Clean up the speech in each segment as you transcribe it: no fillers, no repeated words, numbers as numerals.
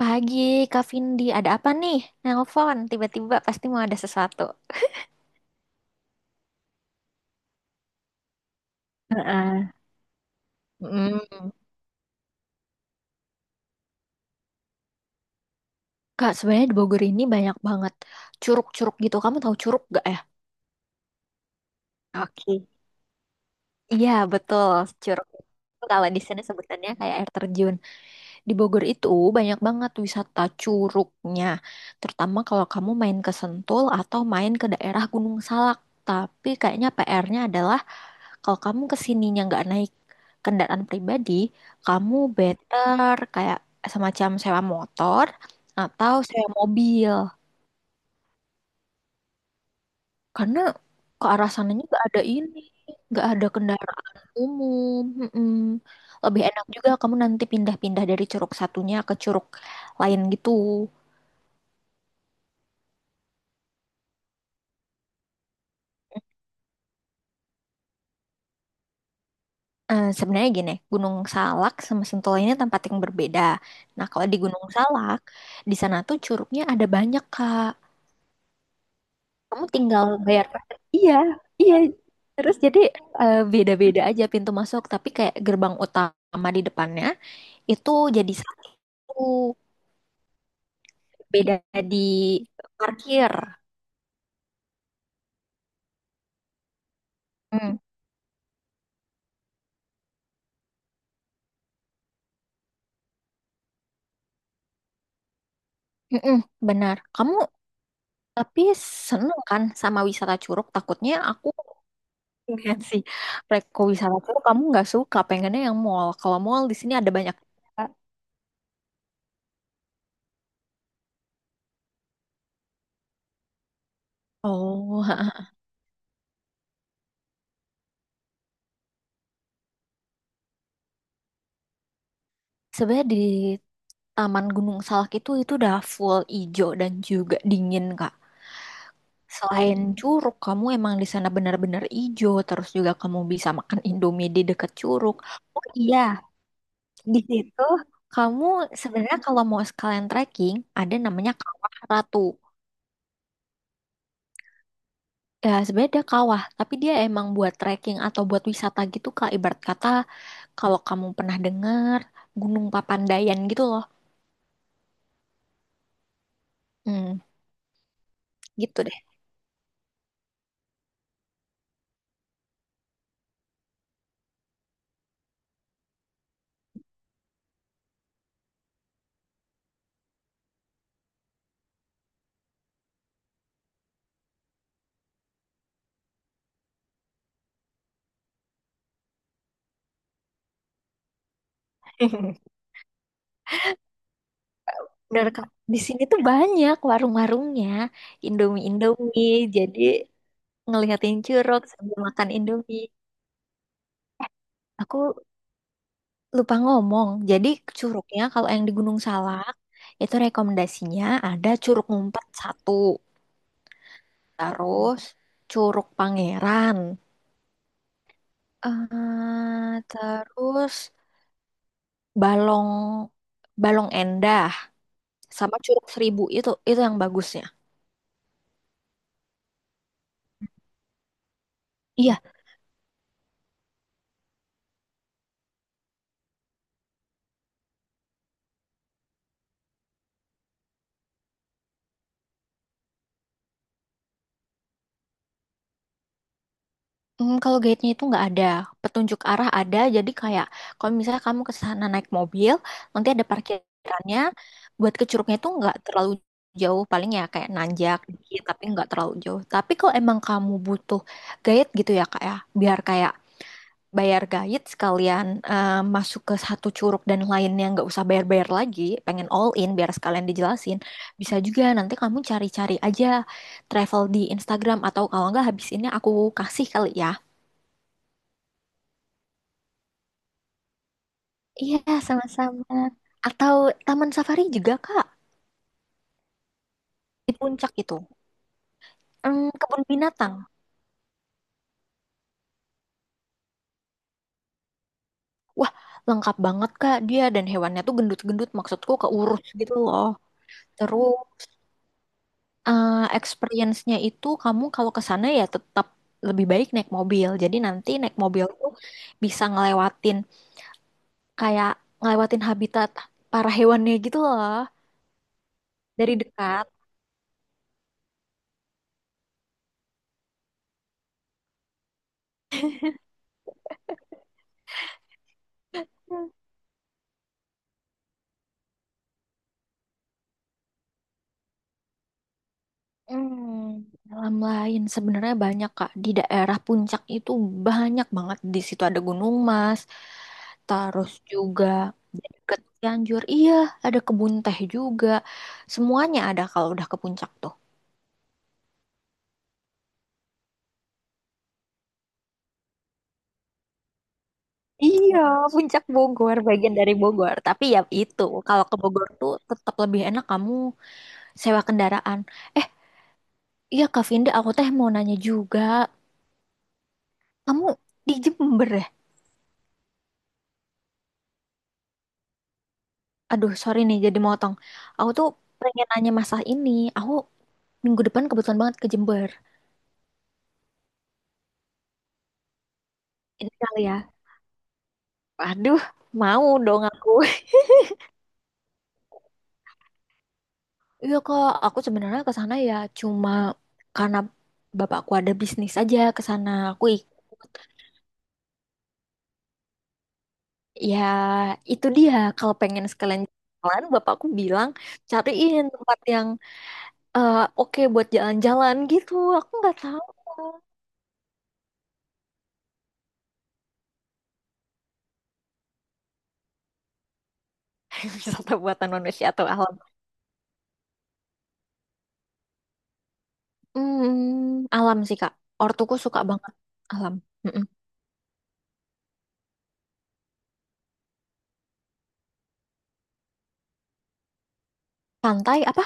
Pagi, Kak Vindi, ada apa nih? Nelpon, tiba-tiba pasti mau ada sesuatu. Heeh. Mm. Kak, sebenarnya di Bogor ini banyak banget curug-curug gitu. Kamu tahu curug gak ya? Oke. Iya, betul. Curug. Kalau di sini sebutannya kayak air terjun. Di Bogor itu banyak banget wisata curugnya. Terutama kalau kamu main ke Sentul atau main ke daerah Gunung Salak. Tapi kayaknya PR-nya adalah kalau kamu kesininya nggak naik kendaraan pribadi, kamu better kayak semacam sewa motor atau sewa mobil. Karena ke arah sananya nggak ada ini, nggak ada kendaraan umum. Mm-mm. Lebih enak juga kamu nanti pindah-pindah dari curug satunya ke curug lain gitu. Sebenarnya gini, Gunung Salak sama Sentul ini tempat yang berbeda. Nah, kalau di Gunung Salak, di sana tuh curugnya ada banyak, Kak. Kamu tinggal bayar paket. Iya, iya. Terus jadi beda-beda aja pintu masuk, tapi kayak gerbang utama di depannya itu jadi satu, beda di parkir. Hmm. Mm-mm, benar. Kamu tapi seneng kan sama wisata Curug? Takutnya aku pengen sih reko wisata Curug kamu nggak suka, pengennya yang mall. Kalau mall di sini ada banyak. Oh, sebenarnya di Taman Gunung Salak itu udah full ijo dan juga dingin, Kak. Selain curug, kamu emang di sana benar-benar ijo. Terus juga kamu bisa makan Indomie di dekat curug. Oh iya, di situ kamu sebenarnya kalau mau sekalian trekking, ada namanya Kawah Ratu. Ya, sebenarnya ada kawah, tapi dia emang buat trekking atau buat wisata gitu, Kak. Ibarat kata, kalau kamu pernah dengar Gunung Papandayan gitu loh. Hmm, gitu deh. Bener, Kak. Di sini tuh banyak warung-warungnya, Indomie-Indomie. Jadi ngeliatin curug sambil makan Indomie. Aku lupa ngomong. Jadi curugnya kalau yang di Gunung Salak itu rekomendasinya ada curug ngumpet satu, terus curug Pangeran, terus balong balong endah sama curug seribu itu yang bagusnya. Iya, hmm, kalau guide-nya itu nggak ada, petunjuk arah ada. Jadi kayak kalau misalnya kamu ke sana naik mobil, nanti ada parkirannya. Buat ke curugnya itu nggak terlalu jauh, paling ya kayak nanjak dikit, tapi nggak terlalu jauh. Tapi kalau emang kamu butuh guide gitu ya kak ya, biar kayak bayar guide sekalian, masuk ke satu curug dan lainnya nggak usah bayar-bayar lagi, pengen all in biar sekalian dijelasin. Bisa juga nanti kamu cari-cari aja travel di Instagram atau kalau nggak habis ini aku kasih kali ya. Iya, sama-sama. Atau Taman Safari juga, Kak. Di puncak itu. Hmm, kebun binatang. Wah, lengkap banget, Kak. Dia dan hewannya tuh gendut-gendut. Maksudku keurus gitu loh. Terus, experience-nya itu kamu kalau ke sana ya tetap lebih baik naik mobil. Jadi nanti naik mobil tuh bisa ngelewatin kayak ngelewatin habitat para hewannya gitu loh. Dari dekat. Hmm, alam lain sebenarnya banyak Kak. Di daerah puncak itu banyak banget. Di situ ada Gunung Mas, terus juga ke Cianjur. Iya, ada kebun teh juga. Semuanya ada kalau udah ke puncak tuh. Iya, puncak Bogor, bagian dari Bogor. Tapi ya itu, kalau ke Bogor tuh tetap lebih enak kamu sewa kendaraan. Eh, iya Kak Vinda, aku teh mau nanya juga. Kamu di Jember ya? Aduh, sorry nih jadi motong. Aku tuh pengen nanya masalah ini. Aku minggu depan kebetulan banget ke Jember. Ini kali ya. Aduh, mau dong aku. Iya kak, aku sebenarnya ke sana ya cuma karena bapakku ada bisnis aja ke sana. Aku ikut. Ya, itu dia. Kalau pengen sekalian jalan, bapakku bilang cariin tempat yang, oke buat jalan-jalan gitu. Aku nggak tahu, wisata buatan manusia atau alam. Hmm, alam sih Kak. Ortuku suka banget alam. Mm-mm. Pantai apa?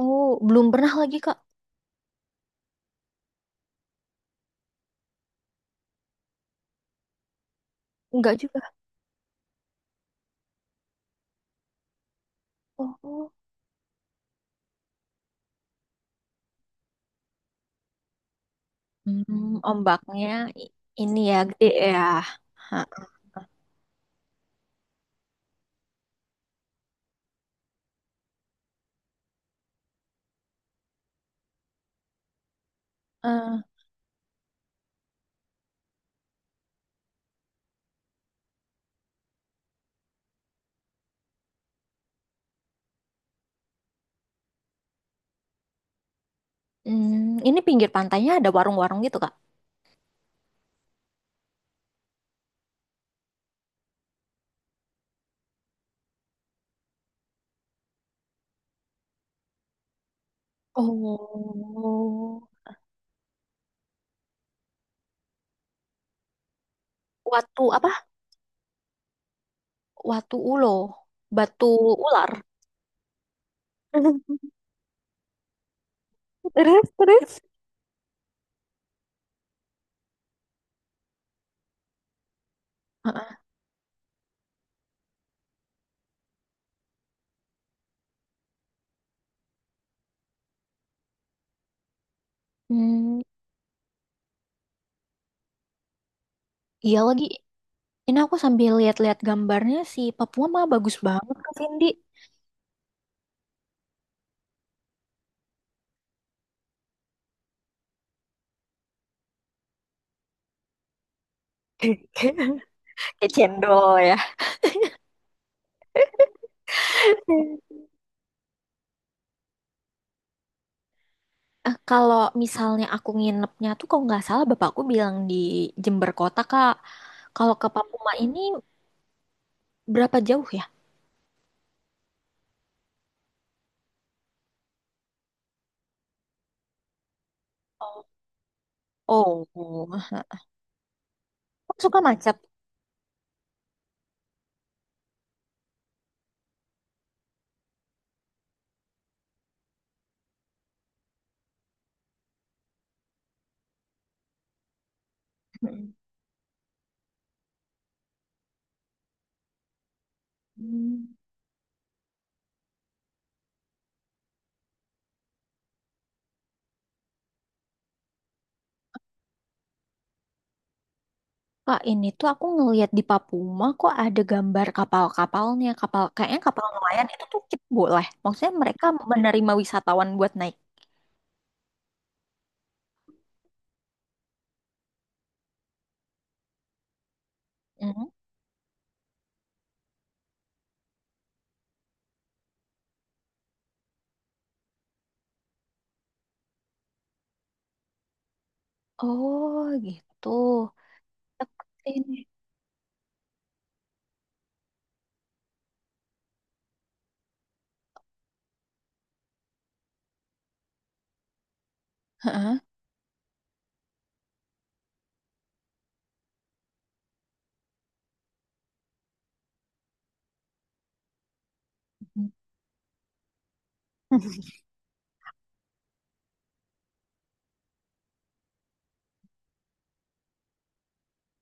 Oh, belum pernah lagi Kak. Enggak juga. Oh, hmm, ombaknya i- ini ya gede ya. Ha. Eh, ini pinggir pantainya ada warung-warung gitu Kak. Oh, Watu apa? Watu ulo, batu ular. Terus, terus. Heeh. Hmm, iya lagi. Ini aku sambil lihat-lihat gambarnya si Papua mah bagus banget Kak Vindi. Kayak cendol ya. Kalau misalnya aku nginepnya tuh kalau nggak salah bapakku bilang di Jember Kota, Kak. Kalau ke Papua ini berapa jauh ya? Oh, kok suka macet. Mm. Hmm. Kak, ini tuh aku ngelihat di Papuma kok ada gambar kapal-kapalnya. Kapal kayaknya kapal nelayan itu tuh kita boleh. Maksudnya mereka menerima wisatawan buat naik. Mhm. Oh, gitu. Aku. Heeh.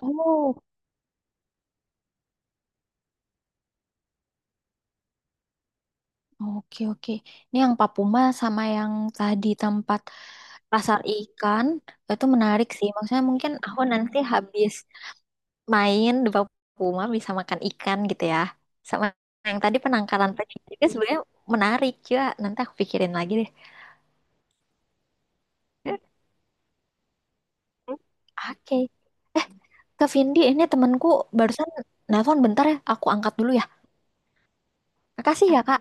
Oh. Oke, oke. Ini yang Papuma sama yang tadi tempat pasar ikan itu menarik sih. Maksudnya mungkin aku nanti habis main di Papuma bisa makan ikan gitu ya. Sama yang tadi penangkaran tadi juga sebenarnya menarik juga. Nanti aku pikirin lagi deh. Mm. Oke. Ke Vindi, ini temanku barusan nelpon bentar ya. Aku angkat dulu ya. Makasih ya, Kak.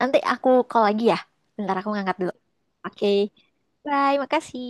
Nanti aku call lagi ya. Bentar aku ngangkat dulu. Oke. Bye, makasih.